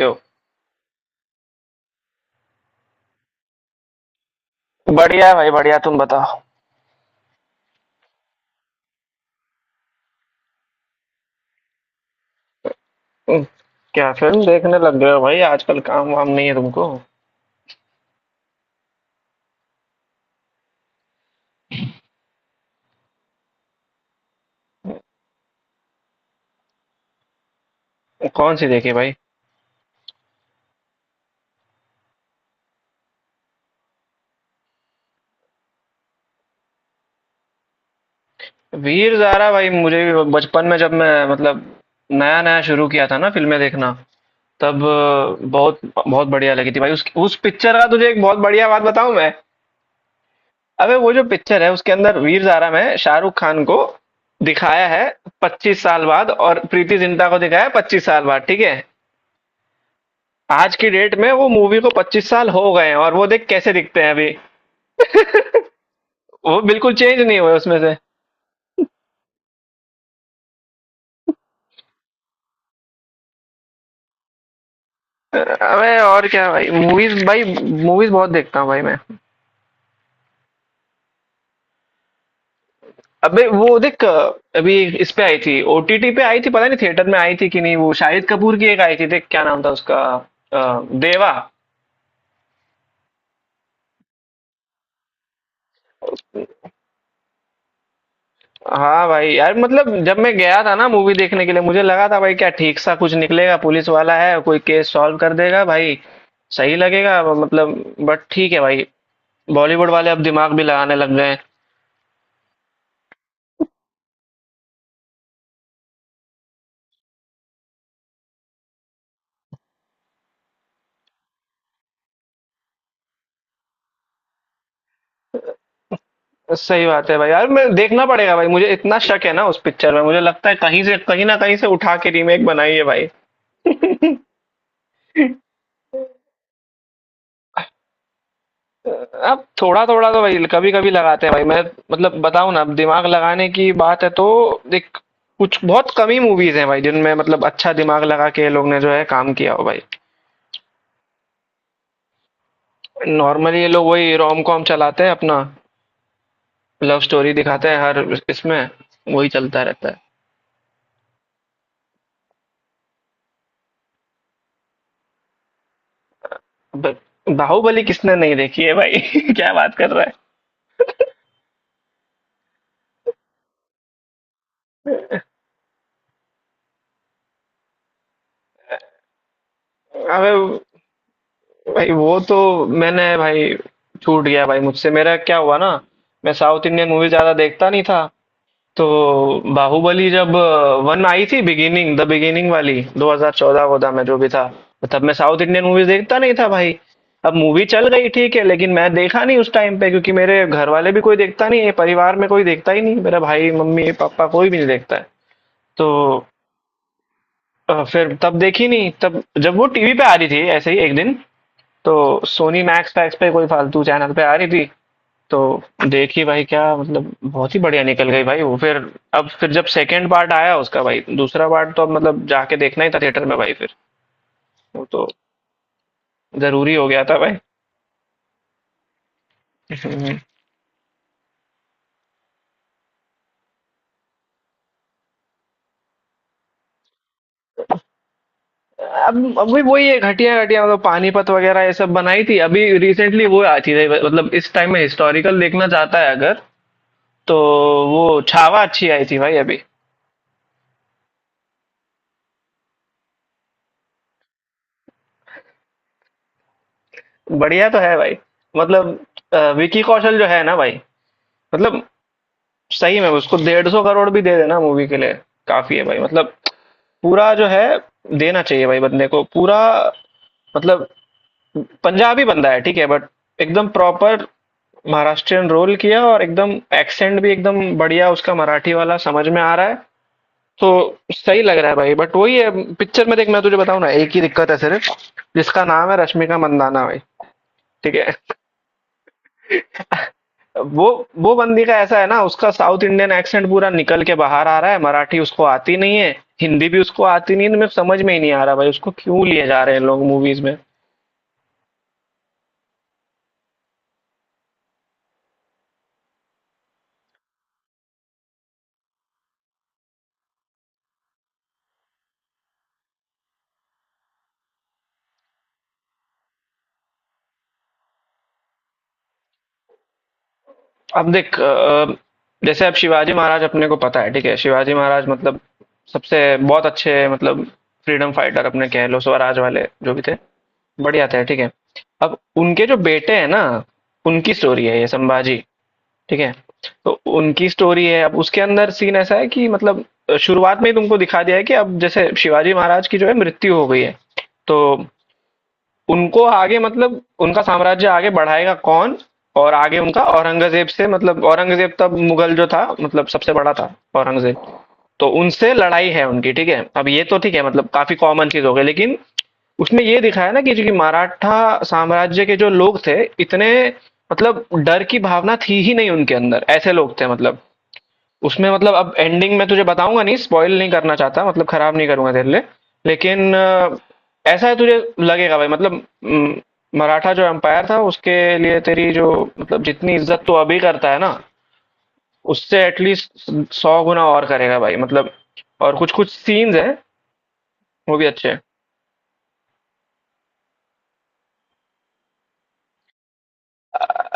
यो। बढ़िया है भाई, बढ़िया। तुम बताओ। हम्म, क्या फिल्म देखने लग गए हो भाई, आजकल काम वाम नहीं है तुमको? कौन सी देखी भाई? वीर ज़ारा। भाई मुझे भी बचपन में, जब मैं मतलब नया नया शुरू किया था ना फिल्में देखना, तब बहुत बहुत बढ़िया लगी थी भाई। उस पिक्चर का तुझे एक बहुत बढ़िया बात बताऊं मैं? अबे वो जो पिक्चर है उसके अंदर वीर ज़ारा में शाहरुख खान को दिखाया है 25 साल बाद, और प्रीति जिंटा को दिखाया है 25 साल बाद, ठीक है। आज की डेट में वो मूवी को 25 साल हो गए हैं, और वो देख कैसे दिखते हैं अभी। वो बिल्कुल चेंज नहीं हुए उसमें से। अबे और क्या भाई, मूवीज भाई, मूवीज बहुत देखता हूँ भाई मैं। अबे वो देख, अभी इस पे आई थी, ओटीटी पे आई थी, पता नहीं थिएटर में आई थी कि नहीं। वो शाहिद कपूर की एक आई थी, देख क्या नाम था उसका। अ, देवा। हाँ भाई, यार मतलब जब मैं गया था ना मूवी देखने के लिए, मुझे लगा था भाई क्या ठीक सा कुछ निकलेगा, पुलिस वाला है कोई केस सॉल्व कर देगा भाई, सही लगेगा मतलब। बट ठीक है भाई, बॉलीवुड वाले अब दिमाग भी लगाने लग गए हैं। सही बात है भाई। यार मैं देखना पड़ेगा भाई, मुझे इतना शक है ना उस पिक्चर में, मुझे लगता है कहीं से कहीं ना कहीं से उठा के रीमेक बनाई है भाई। अब थोड़ा थोड़ा तो भाई कभी कभी लगाते हैं भाई मैं। मतलब बताऊं ना, अब दिमाग लगाने की बात है तो देख, कुछ बहुत कम ही मूवीज हैं भाई जिनमें मतलब अच्छा दिमाग लगा के ये लोग ने जो है काम किया हो भाई। नॉर्मली ये लोग वही रोम कॉम चलाते हैं अपना, लव स्टोरी दिखाते हैं हर इसमें, वही चलता रहता है। ब- बाहुबली किसने नहीं देखी है भाई, क्या बात कर रहा है। अबे भाई वो तो, मैंने भाई, छूट गया भाई मुझसे। मेरा क्या हुआ ना, मैं साउथ इंडियन मूवी ज्यादा देखता नहीं था, तो बाहुबली जब वन आई थी, बिगिनिंग द बिगिनिंग वाली 2014 चौदह वोदा में जो भी था, तब मैं साउथ इंडियन मूवीज देखता नहीं था भाई। अब मूवी चल गई, ठीक है, लेकिन मैं देखा नहीं उस टाइम पे, क्योंकि मेरे घर वाले भी कोई देखता नहीं है। परिवार में कोई देखता ही नहीं मेरा भाई, मम्मी पापा कोई भी नहीं देखता है, तो फिर तब देखी नहीं। तब जब वो टीवी पे आ रही थी ऐसे ही एक दिन, तो सोनी मैक्स पैक्स पे कोई फालतू चैनल पे आ रही थी, तो देखी भाई। क्या मतलब बहुत ही बढ़िया निकल गई भाई वो, फिर अब फिर जब सेकंड पार्ट आया उसका, भाई दूसरा पार्ट, तो अब मतलब जाके देखना ही था थिएटर में भाई फिर। वो तो जरूरी हो गया था भाई। हम्म। अब अभी वही वही है, घटिया घटिया मतलब पानीपत वगैरह ये सब बनाई थी अभी रिसेंटली वो आई थी। मतलब इस टाइम में हिस्टोरिकल देखना चाहता है अगर तो वो छावा अच्छी आई थी भाई अभी। बढ़िया तो है भाई, मतलब विकी कौशल जो है ना भाई, मतलब सही में उसको 150 करोड़ भी दे देना मूवी के लिए, काफी है भाई। मतलब पूरा जो है देना चाहिए भाई बंदे को पूरा, मतलब पंजाबी बंदा है ठीक है, बट एकदम प्रॉपर महाराष्ट्रियन रोल किया, और एकदम एक्सेंट भी एकदम बढ़िया उसका मराठी वाला, समझ में आ रहा है तो सही लग रहा है भाई। बट वही है, पिक्चर में देख मैं तुझे बताऊं ना, एक ही दिक्कत है सिर्फ, जिसका नाम है रश्मिका मंदाना भाई। ठीक है। वो वो बंदी का ऐसा है ना, उसका साउथ इंडियन एक्सेंट पूरा निकल के बाहर आ रहा है, मराठी उसको आती नहीं है, हिंदी भी उसको आती नहीं है। तो मेरे को समझ में ही नहीं आ रहा भाई, उसको क्यों लिए जा रहे हैं लोग मूवीज में। अब देख, जैसे अब शिवाजी महाराज अपने को पता है ठीक है, शिवाजी महाराज मतलब सबसे बहुत अच्छे, मतलब फ्रीडम फाइटर अपने कह लो, स्वराज वाले जो भी थे, बढ़िया थे ठीक है। अब उनके जो बेटे हैं ना, उनकी स्टोरी है ये, संभाजी, ठीक है? तो उनकी स्टोरी है। अब उसके अंदर सीन ऐसा है कि मतलब शुरुआत में ही तुमको दिखा दिया है कि अब जैसे शिवाजी महाराज की जो है मृत्यु हो गई है। तो उनको आगे, मतलब उनका साम्राज्य आगे बढ़ाएगा कौन? और आगे उनका औरंगज़ेब से, मतलब औरंगज़ेब तब मुगल जो था मतलब सबसे बड़ा था, औरंगज़ेब। तो उनसे लड़ाई है उनकी, ठीक है? अब ये तो ठीक है मतलब काफ़ी कॉमन चीज़ हो गई, लेकिन उसमें ये दिखाया ना कि जो कि मराठा साम्राज्य के जो लोग थे, इतने मतलब डर की भावना थी ही नहीं उनके अंदर, ऐसे लोग थे मतलब। उसमें मतलब अब एंडिंग मैं तुझे बताऊँगा नहीं, स्पॉइल नहीं करना चाहता, मतलब खराब नहीं करूँगा तेरे लिए। लेकिन ऐसा है, तुझे लगेगा भाई मतलब, उम, मराठा जो एम्पायर था उसके लिए तेरी जो, मतलब जितनी इज्जत तू अभी करता है ना, उससे एटलीस्ट 100 गुना और करेगा भाई, मतलब। और कुछ-कुछ सीन्स हैं, वो भी अच्छे हैं।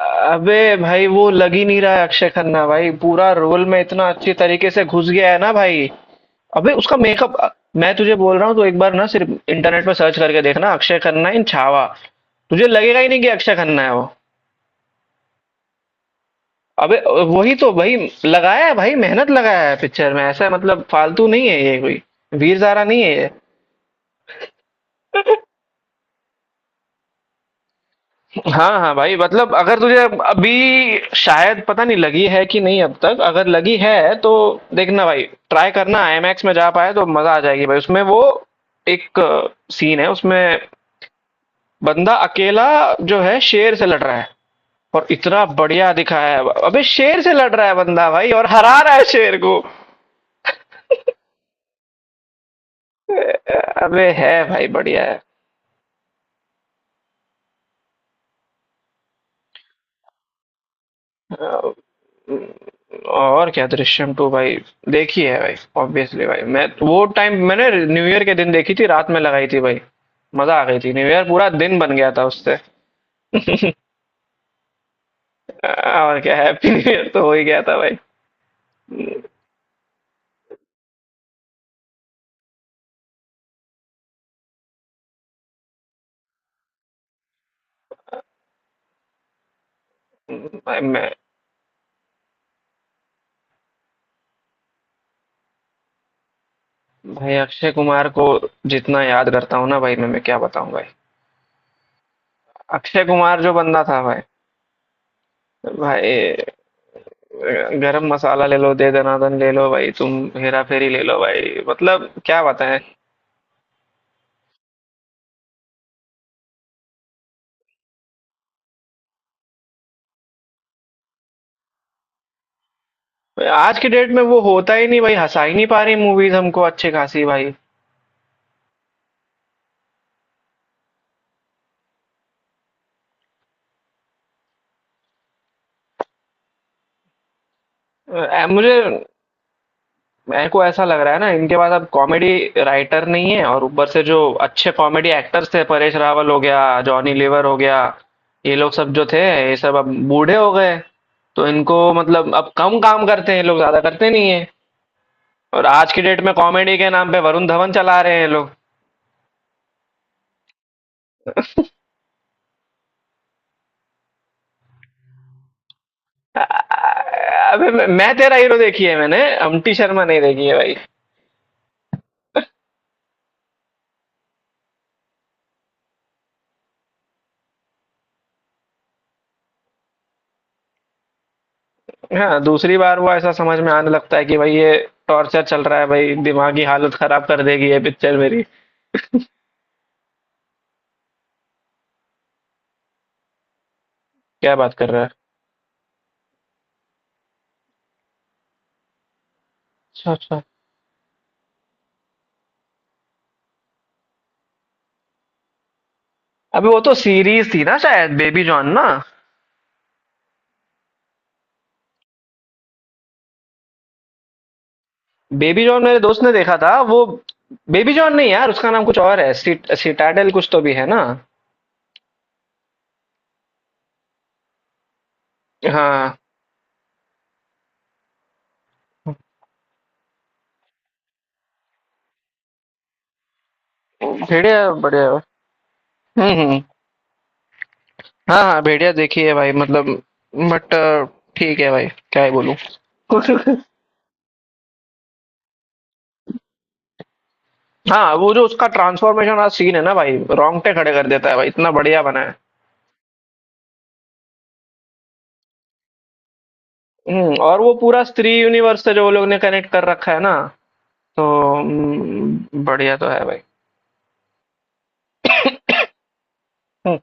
अबे भाई वो लग ही नहीं रहा है अक्षय खन्ना भाई, पूरा रोल में इतना अच्छी तरीके से घुस गया है ना भाई, अबे उसका मेकअप। मैं तुझे बोल रहा हूँ, तो एक बार ना सिर्फ इंटरनेट पे सर्च करके देखना अक्षय खन्ना इन छावा, तुझे लगेगा ही नहीं कि अक्षय खन्ना है वो। अबे वही तो भाई, लगाया है भाई, मेहनत लगाया है पिक्चर में, ऐसा मतलब फालतू नहीं है ये कोई, वीर ज़ारा नहीं है ये। हाँ हाँ भाई, मतलब अगर तुझे अभी शायद पता नहीं लगी है कि नहीं अब तक, अगर लगी है तो देखना भाई, ट्राई करना आईमैक्स में जा पाए तो मजा आ जाएगी भाई उसमें। वो एक सीन है उसमें, बंदा अकेला जो है शेर से लड़ रहा है, और इतना बढ़िया दिखाया है, अबे शेर से लड़ रहा है बंदा भाई, और हरा रहा है शेर को। अबे है भाई बढ़िया है। और क्या दृश्यम टू भाई, देखी है भाई, ऑब्वियसली भाई। मैं वो टाइम, मैंने न्यू ईयर के दिन देखी थी, रात में लगाई थी भाई, मजा आ गई थी, न्यू ईयर पूरा दिन बन गया था उससे। और क्या, हैप्पी न्यू ईयर तो हो ही गया था भाई। भाई मैं, भाई अक्षय कुमार को जितना याद करता हूँ ना भाई मैं क्या बताऊं भाई। अक्षय कुमार जो बंदा था भाई, भाई गरम मसाला ले लो, दे दनादन ले लो भाई तुम, हेरा फेरी ले लो भाई, मतलब क्या बताएं। भाई, आज की डेट में वो होता ही नहीं भाई, हंसा ही नहीं पा रही मूवीज हमको अच्छी खासी भाई। अ, मुझे मेरे को ऐसा लग रहा है ना, इनके पास अब कॉमेडी राइटर नहीं है, और ऊपर से जो अच्छे कॉमेडी एक्टर्स थे, परेश रावल हो गया, जॉनी लीवर हो गया, ये लोग सब जो थे, ये सब अब बूढ़े हो गए। तो इनको मतलब अब कम काम करते हैं, ये लोग ज्यादा करते नहीं है। और आज की डेट में कॉमेडी के नाम पे वरुण धवन चला रहे हैं ये लोग। अबे मैं तेरा हीरो देखी है मैंने, अम्टी शर्मा नहीं देखी है भाई। हाँ, दूसरी बार वो ऐसा समझ में आने लगता है कि भाई ये टॉर्चर चल रहा है भाई, दिमागी हालत खराब कर देगी ये पिक्चर मेरी। क्या बात कर रहा है। अच्छा अच्छा। अबे वो तो सीरीज थी ना शायद, बेबी जॉन ना। बेबी जॉन मेरे दोस्त ने देखा था वो। बेबी जॉन नहीं यार, उसका नाम कुछ और है, सिटाडेल कुछ तो भी है ना। हाँ। बढ़िया बढ़िया। हम्म। हाँ हाँ, भेड़िया देखी है भाई मतलब, बट ठीक है भाई, क्या ही बोलूं। हाँ, वो जो उसका ट्रांसफॉर्मेशन वाला सीन है ना भाई, रोंगटे खड़े कर देता है भाई, इतना बढ़िया बना है। और वो पूरा स्त्री यूनिवर्स से जो वो लोग ने कनेक्ट कर रखा है ना, तो बढ़िया तो है भाई। हम्म।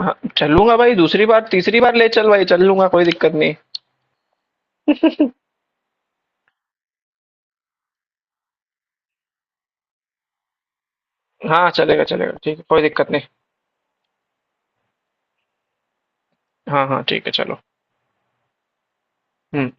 हाँ चलूंगा भाई, दूसरी बार तीसरी बार ले चल भाई, चल लूंगा, कोई दिक्कत नहीं। हाँ चलेगा चलेगा, ठीक है, कोई दिक्कत नहीं। हाँ हाँ ठीक है चलो। हम्म।